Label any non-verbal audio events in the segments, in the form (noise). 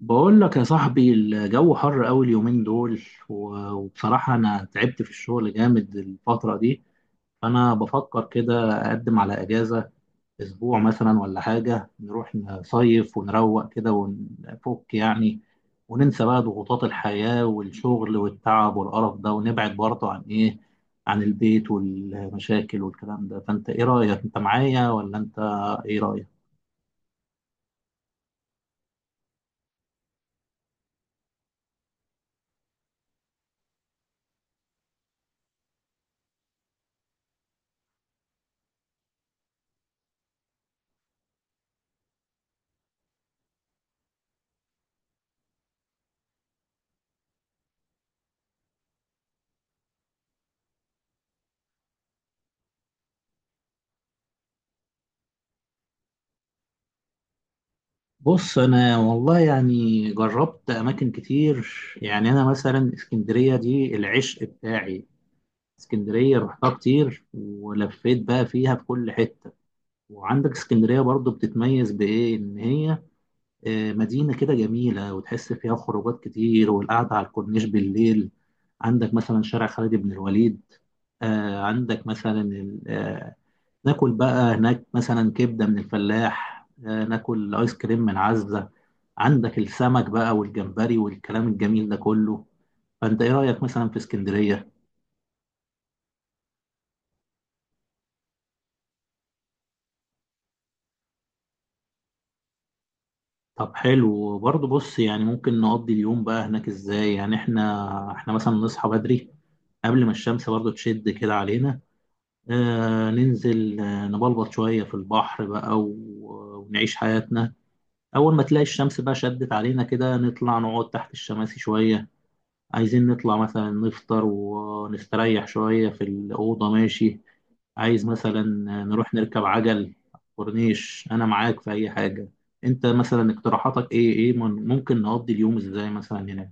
بقول لك يا صاحبي الجو حر قوي اليومين دول، وبصراحة أنا تعبت في الشغل جامد الفترة دي. فأنا بفكر كده أقدم على أجازة أسبوع مثلا ولا حاجة، نروح نصيف ونروق كده ونفك يعني، وننسى بقى ضغوطات الحياة والشغل والتعب والقرف ده، ونبعد برضه عن إيه، عن البيت والمشاكل والكلام ده. فأنت إيه رأيك؟ أنت معايا ولا أنت إيه رأيك؟ بص انا والله يعني جربت اماكن كتير. يعني انا مثلا اسكندريه دي العشق بتاعي. اسكندريه رحتها كتير ولفيت بقى فيها في كل حته. وعندك اسكندريه برضو بتتميز بايه؟ ان هي مدينه كده جميله، وتحس فيها خروجات كتير والقعده على الكورنيش بالليل. عندك مثلا شارع خالد بن الوليد، عندك مثلا ناكل بقى هناك مثلا كبدة من الفلاح، ناكل آيس كريم من عزة. عندك السمك بقى والجمبري والكلام الجميل ده كله. فأنت إيه رأيك مثلا في اسكندرية؟ طب حلو. برضه بص يعني ممكن نقضي اليوم بقى هناك إزاي؟ يعني إحنا مثلا نصحى بدري قبل ما الشمس برضه تشد كده علينا. آه ننزل آه نبلبط شوية في البحر بقى ونعيش حياتنا. أول ما تلاقي الشمس بقى شدت علينا كده نطلع نقعد تحت الشماسي شوية. عايزين نطلع مثلا نفطر ونستريح شوية في الأوضة. ماشي، عايز مثلا نروح نركب عجل كورنيش، أنا معاك في أي حاجة. أنت مثلا اقتراحاتك إيه؟ ممكن نقضي اليوم إزاي مثلا هناك؟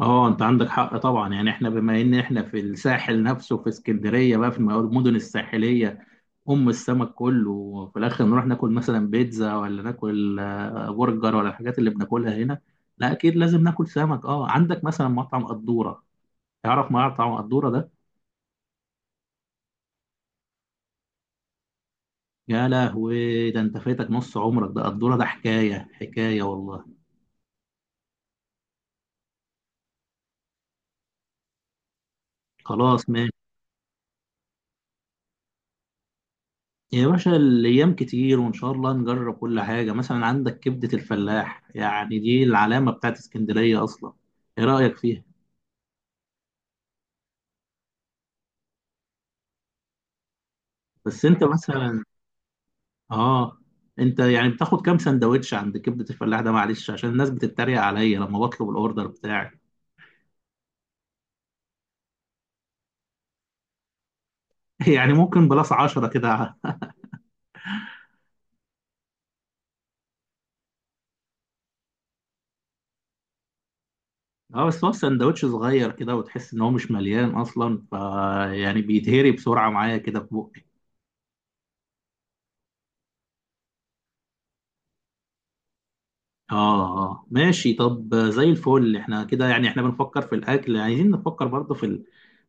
اه انت عندك حق طبعا. يعني احنا بما ان احنا في الساحل نفسه في اسكندريه بقى في المدن الساحليه، ام السمك كله، وفي الاخر نروح ناكل مثلا بيتزا ولا ناكل برجر ولا الحاجات اللي بناكلها هنا؟ لا اكيد لازم ناكل سمك. اه عندك مثلا مطعم قدوره، تعرف معرض طبعا قدورة ده. يا لهوي، ده انت فاتك نص عمرك. ده قدورة ده حكاية حكاية والله. خلاص ماشي يا باشا، الأيام كتير وإن شاء الله نجرب كل حاجة. مثلا عندك كبدة الفلاح، يعني دي العلامة بتاعت اسكندرية أصلا. إيه رأيك فيها؟ بس أنت مثلا آه أنت يعني بتاخد كام سندوتش عند كبدة الفلاح ده؟ معلش عشان الناس بتتريق عليا لما بطلب الأوردر بتاعي. (laughs) يعني ممكن بلاس 10 كده. اه بس هو سندوتش صغير كده وتحس ان هو مش مليان اصلا، يعني بيتهري بسرعه معايا كده في بقي. ماشي طب زي الفل. احنا كده يعني احنا بنفكر في الاكل، عايزين نفكر برضه في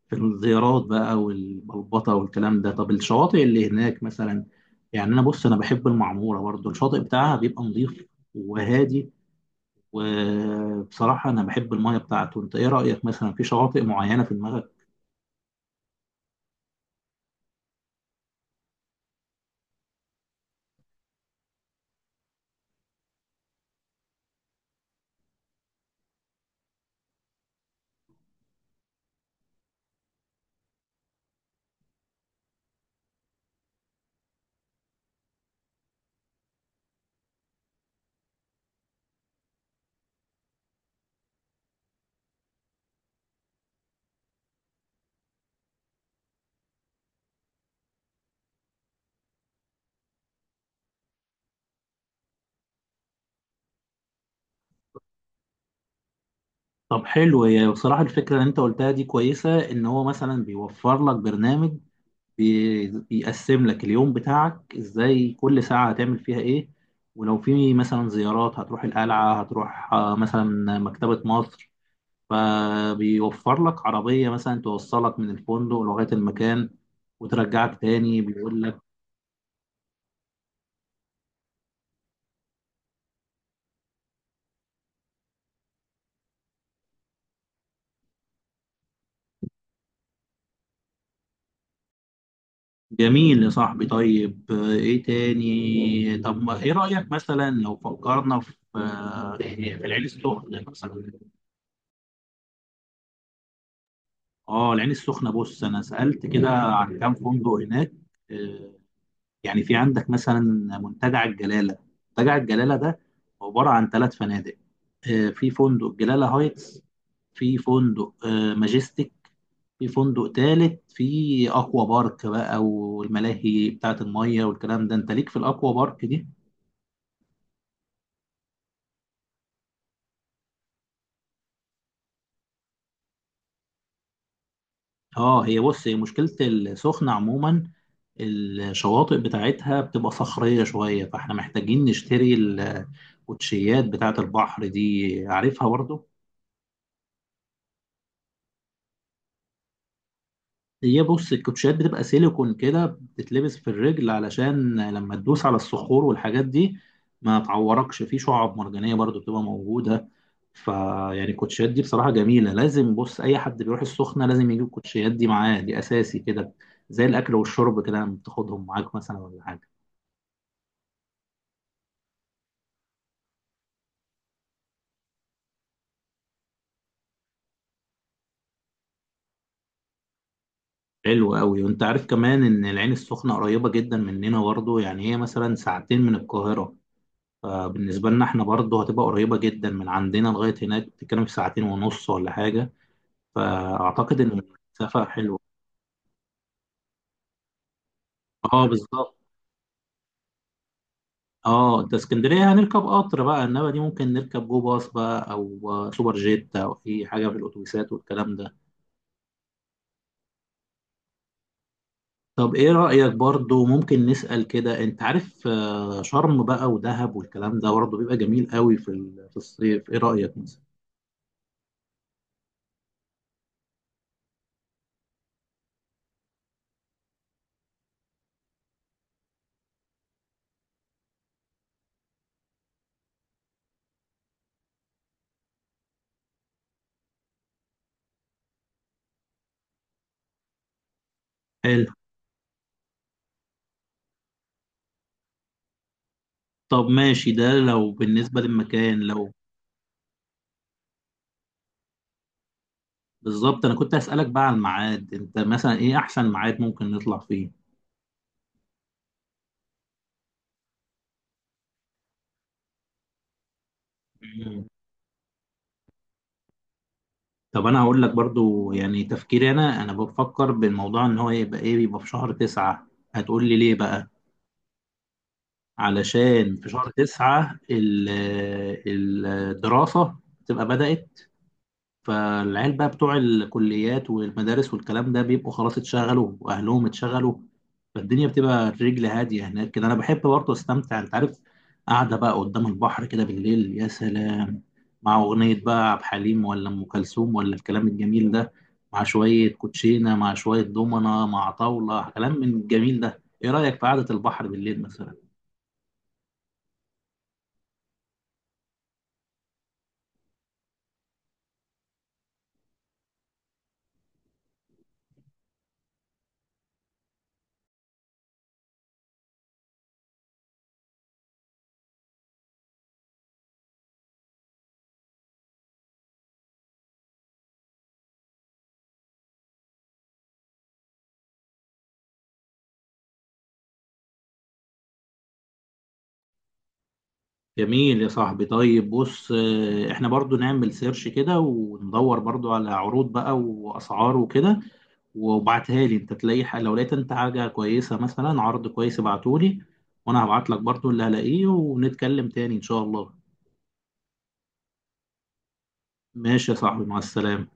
في الزيارات بقى والبلبطه والكلام ده. طب الشواطئ اللي هناك مثلا؟ يعني انا بص انا بحب المعموره برضه، الشاطئ بتاعها بيبقى نظيف وهادي، وبصراحه انا بحب المايه بتاعته. انت ايه رايك مثلا في شواطئ معينه في دماغك؟ طب حلو. هي بصراحة الفكرة اللي انت قلتها دي كويسة، ان هو مثلا بيوفر لك برنامج، بيقسم لك اليوم بتاعك ازاي، كل ساعة هتعمل فيها ايه، ولو في مثلا زيارات هتروح القلعة، هتروح مثلا مكتبة مصر. فبيوفر لك عربية مثلا توصلك من الفندق لغاية المكان وترجعك تاني، بيقول لك. جميل يا صاحبي. طيب ايه تاني؟ طب ايه رأيك مثلا لو فكرنا في يعني في العين السخنة مثلا؟ اه العين السخنة، بص أنا سألت كده عن كام فندق هناك. آه، يعني في عندك مثلا منتجع الجلالة. منتجع الجلالة ده عبارة عن 3 فنادق. في فندق جلالة هايتس، في فندق ماجستيك، في فندق تالت في أكوا بارك بقى والملاهي بتاعة المية والكلام ده. أنت ليك في الأكوا بارك دي؟ اه هي بص، هي مشكلة السخنة عموما الشواطئ بتاعتها بتبقى صخرية شوية، فاحنا محتاجين نشتري الكوتشيات بتاعة البحر دي، عارفها برضو؟ هي بص الكوتشيات بتبقى سيليكون كده، بتتلبس في الرجل علشان لما تدوس على الصخور والحاجات دي ما تعوركش. في شعاب مرجانية برضو بتبقى موجودة، فيعني الكوتشيات دي بصراحة جميلة. لازم بص أي حد بيروح السخنة لازم يجيب الكوتشيات دي معاه. دي أساسي كده زي الأكل والشرب كده. لما بتاخدهم معاك مثلا ولا حاجة. حلو قوي. وأنت عارف كمان إن العين السخنة قريبة جدا مننا برضو، يعني هي مثلا 2 ساعة من القاهرة. فبالنسبة لنا احنا برضه هتبقى قريبة جدا من عندنا لغاية هناك، بتتكلم في 2 ساعة ونص ولا حاجة. فأعتقد إن المسافة حلوة. اه بالظبط. اه انت اسكندرية هنركب قطر بقى، انما دي ممكن نركب جو باص بقى او سوبر جيت او اي حاجة في الاتوبيسات والكلام ده. طب ايه رأيك برضه ممكن نسأل كده؟ انت عارف شرم بقى ودهب والكلام ده برضه بيبقى جميل قوي في في الصيف. ايه رأيك مثلا؟ حلو. طب ماشي ده لو بالنسبة للمكان. لو بالظبط انا كنت اسالك بقى على الميعاد، انت مثلا ايه احسن ميعاد ممكن نطلع فيه؟ مم. طب انا هقول لك برضو يعني تفكيري. انا بفكر بالموضوع ان هو يبقى ايه، يبقى في شهر 9. هتقول لي ليه بقى؟ علشان في شهر 9 الدراسة تبقى بدأت. فالعيال بقى بتوع الكليات والمدارس والكلام ده بيبقوا خلاص اتشغلوا، واهلهم اتشغلوا. فالدنيا بتبقى الرجل هاديه هناك كده. انا بحب برضه استمتع، انت عارف، قاعده بقى قدام البحر كده بالليل يا سلام، مع اغنيه بقى عبد الحليم ولا ام كلثوم ولا الكلام الجميل ده، مع شويه كوتشينه مع شويه دومنه مع طاوله، كلام من الجميل ده. ايه رايك في قعده البحر بالليل مثلا؟ جميل يا صاحبي. طيب بص احنا برضو نعمل سيرش كده وندور برضو على عروض بقى واسعار وكده، وابعتها لي انت. تلاقي لو لقيت انت حاجة كويسة مثلا عرض كويس ابعتولي، وانا هبعت لك برضو اللي هلاقيه، ونتكلم تاني ان شاء الله. ماشي يا صاحبي، مع السلامة.